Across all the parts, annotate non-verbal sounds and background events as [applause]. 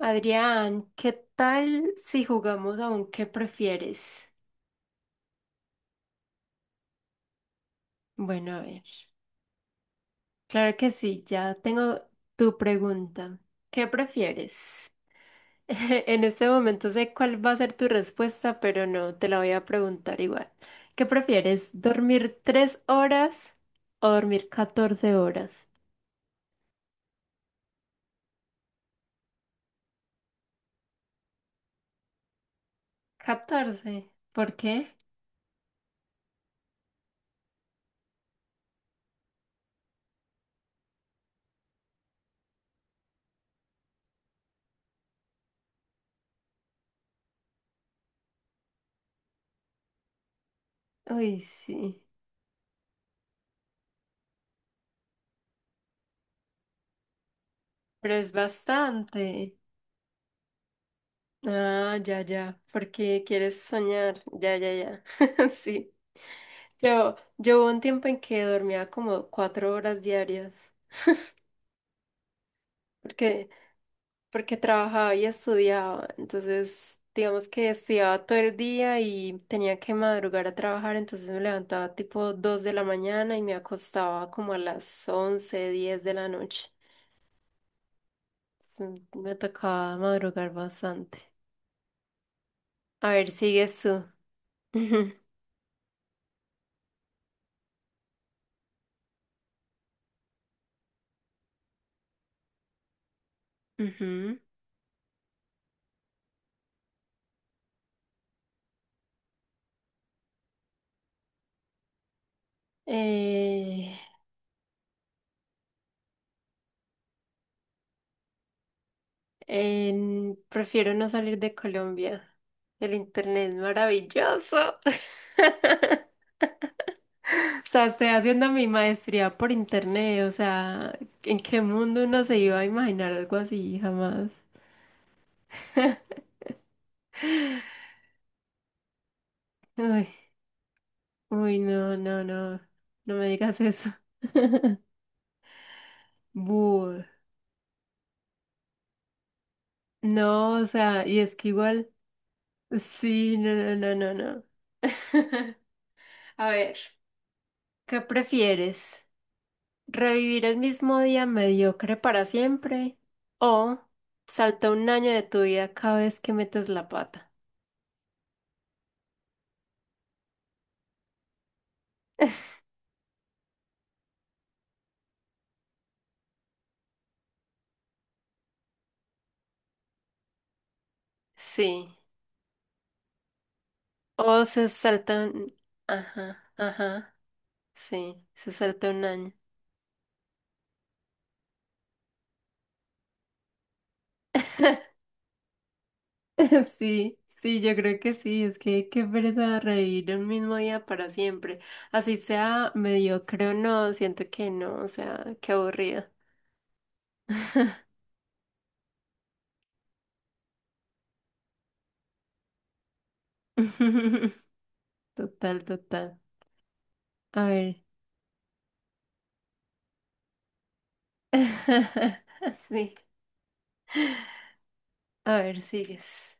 Adrián, ¿qué tal si jugamos a un qué prefieres? Bueno, a ver. Claro que sí, ya tengo tu pregunta. ¿Qué prefieres? [laughs] En este momento sé cuál va a ser tu respuesta, pero no, te la voy a preguntar igual. ¿Qué prefieres? ¿Dormir 3 horas o dormir 14 horas? 14. ¿Por qué? Uy, sí, pero es bastante. Ah, ya, ya, porque quieres soñar, ya, ya, ya, [laughs] sí. Yo hubo un tiempo en que dormía como 4 horas diarias, porque, porque trabajaba y estudiaba, entonces digamos que estudiaba todo el día y tenía que madrugar a trabajar, entonces me levantaba tipo 2 de la mañana y me acostaba como a las 11, 10 de la noche. Entonces, me tocaba madrugar bastante. A ver, sigues tú. [laughs] Ujú. Eh, Prefiero no salir de Colombia. El internet es maravilloso. [laughs] O sea, estoy haciendo mi maestría por internet. O sea, ¿en qué mundo uno se iba a imaginar algo así? Jamás. [laughs] Uy, uy, no, no, no. No me digas eso. [laughs] Bull. No, o sea, y es que igual. Sí, no, no, no, no, no. [laughs] A ver, ¿qué prefieres? Revivir el mismo día mediocre para siempre o salta un año de tu vida cada vez que metes la pata. Sí. O se salta un... Ajá, ajá. Sí, se salta un año. [laughs] Sí, sí, yo creo que sí. Es que qué pereza revivir el mismo día para siempre. Así sea mediocre o no, siento que no. O sea, qué aburrido. [laughs] Total, total. A ver. [laughs] Sí. A ver, sigues.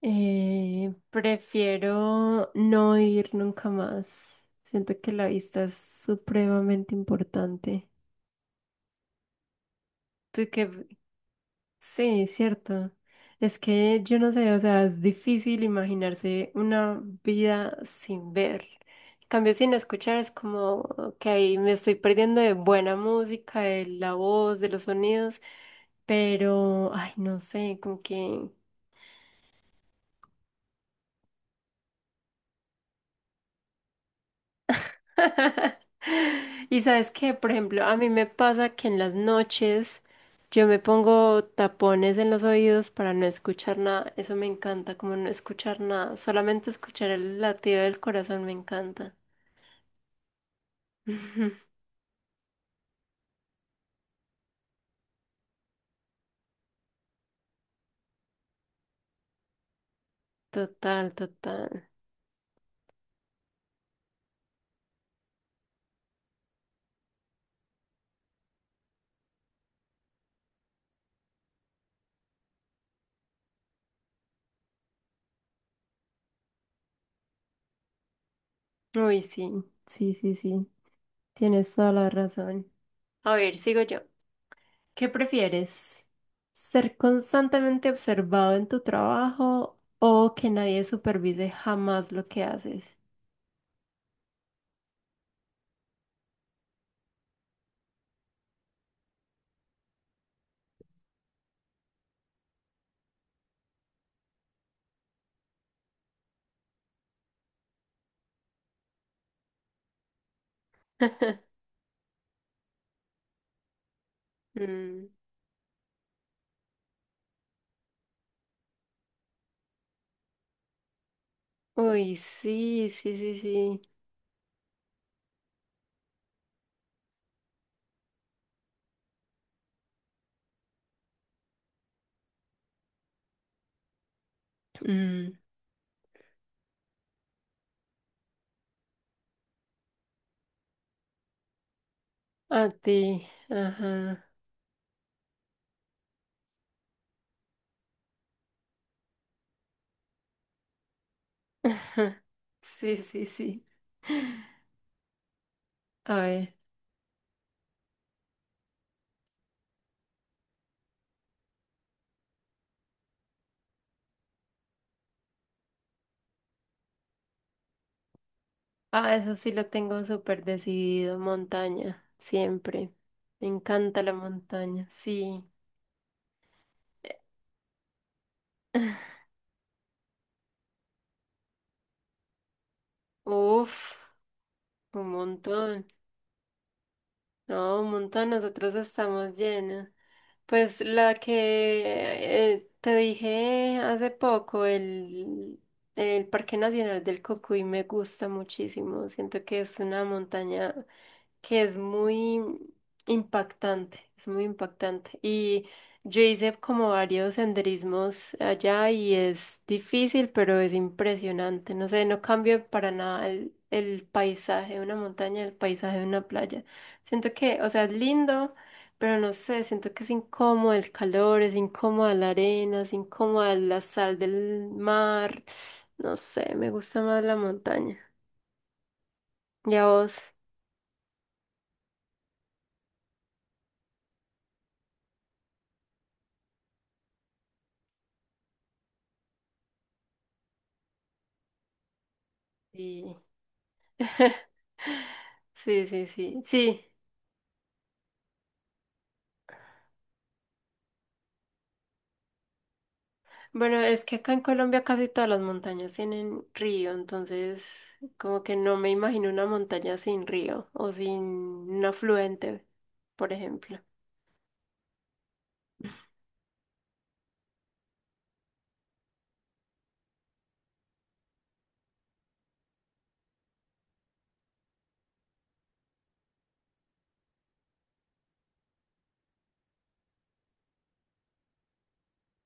Prefiero no ir nunca más. Siento que la vista es supremamente importante. Tú que... Sí, cierto. Es que yo no sé, o sea, es difícil imaginarse una vida sin ver. En cambio, sin escuchar es como que ahí me estoy perdiendo de buena música, de la voz, de los sonidos, pero, ay, no sé, como que... [laughs] Y sabes que, por ejemplo, a mí me pasa que en las noches yo me pongo tapones en los oídos para no escuchar nada. Eso me encanta, como no escuchar nada. Solamente escuchar el latido del corazón me encanta. [laughs] Total, total. Uy, sí, sí, sí, sí. Tienes toda la razón. A ver, sigo yo. ¿Qué prefieres? ¿Ser constantemente observado en tu trabajo o que nadie supervise jamás lo que haces? [laughs] Mm. Uy, sí, sí, sí, sí. Mm, a ti, ajá. [laughs] Ajá, sí, sí, sí. A ver. Ah, eso sí lo tengo súper decidido. Montaña, siempre. Me encanta la montaña, sí. [laughs] Uf, un montón. No, un montón. Nosotros estamos llenos. Pues la que te dije hace poco, el Parque Nacional del Cocuy me gusta muchísimo. Siento que es una montaña que es muy impactante, es muy impactante. Y yo hice como varios senderismos allá y es difícil, pero es impresionante. No sé, no cambia para nada el paisaje de una montaña, el paisaje de una playa. Siento que, o sea, es lindo, pero no sé, siento que es incómodo el calor, es incómoda la arena, es incómoda la sal del mar. No sé, me gusta más la montaña. ¿Y a vos? Sí. [laughs] Sí, sí, sí, sí. Bueno, es que acá en Colombia casi todas las montañas tienen río, entonces como que no me imagino una montaña sin río o sin un afluente, por ejemplo.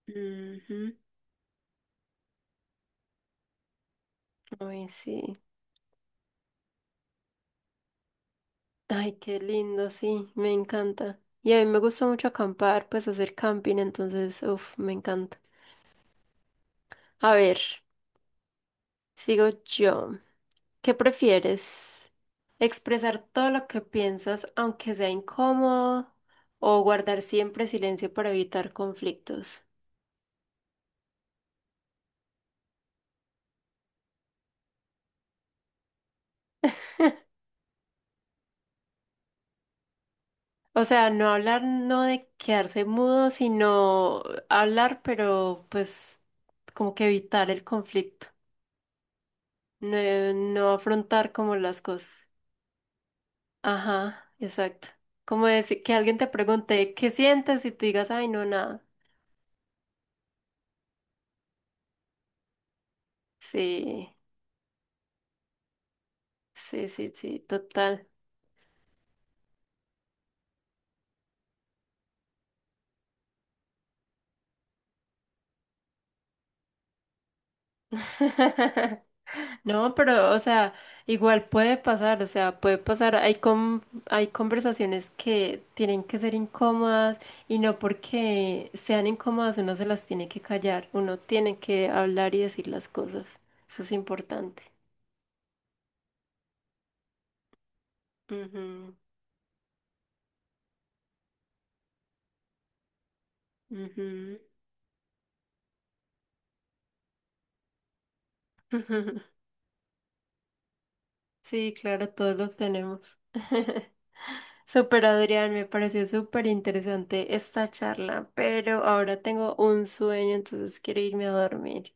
Ujú. Ay, sí. Ay, qué lindo, sí, me encanta. Y a mí me gusta mucho acampar, pues hacer camping, entonces, uff, me encanta. A ver, sigo yo. ¿Qué prefieres? Expresar todo lo que piensas, aunque sea incómodo, o guardar siempre silencio para evitar conflictos. O sea, no hablar, no de quedarse mudo, sino hablar, pero pues como que evitar el conflicto, no, no afrontar como las cosas. Ajá, exacto. Como decir que alguien te pregunte qué sientes y tú digas, ay, no, nada. Sí, sí, sí, sí, total. [laughs] No, pero, o sea, igual puede pasar, o sea, puede pasar. Hay conversaciones que tienen que ser incómodas y no porque sean incómodas uno se las tiene que callar, uno tiene que hablar y decir las cosas. Eso es importante. Ujú, ujú. [laughs] Sí, claro, todos los tenemos. [laughs] Super Adrián, me pareció súper interesante esta charla, pero ahora tengo un sueño, entonces quiero irme a dormir.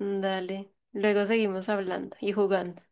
Dale, luego seguimos hablando y jugando.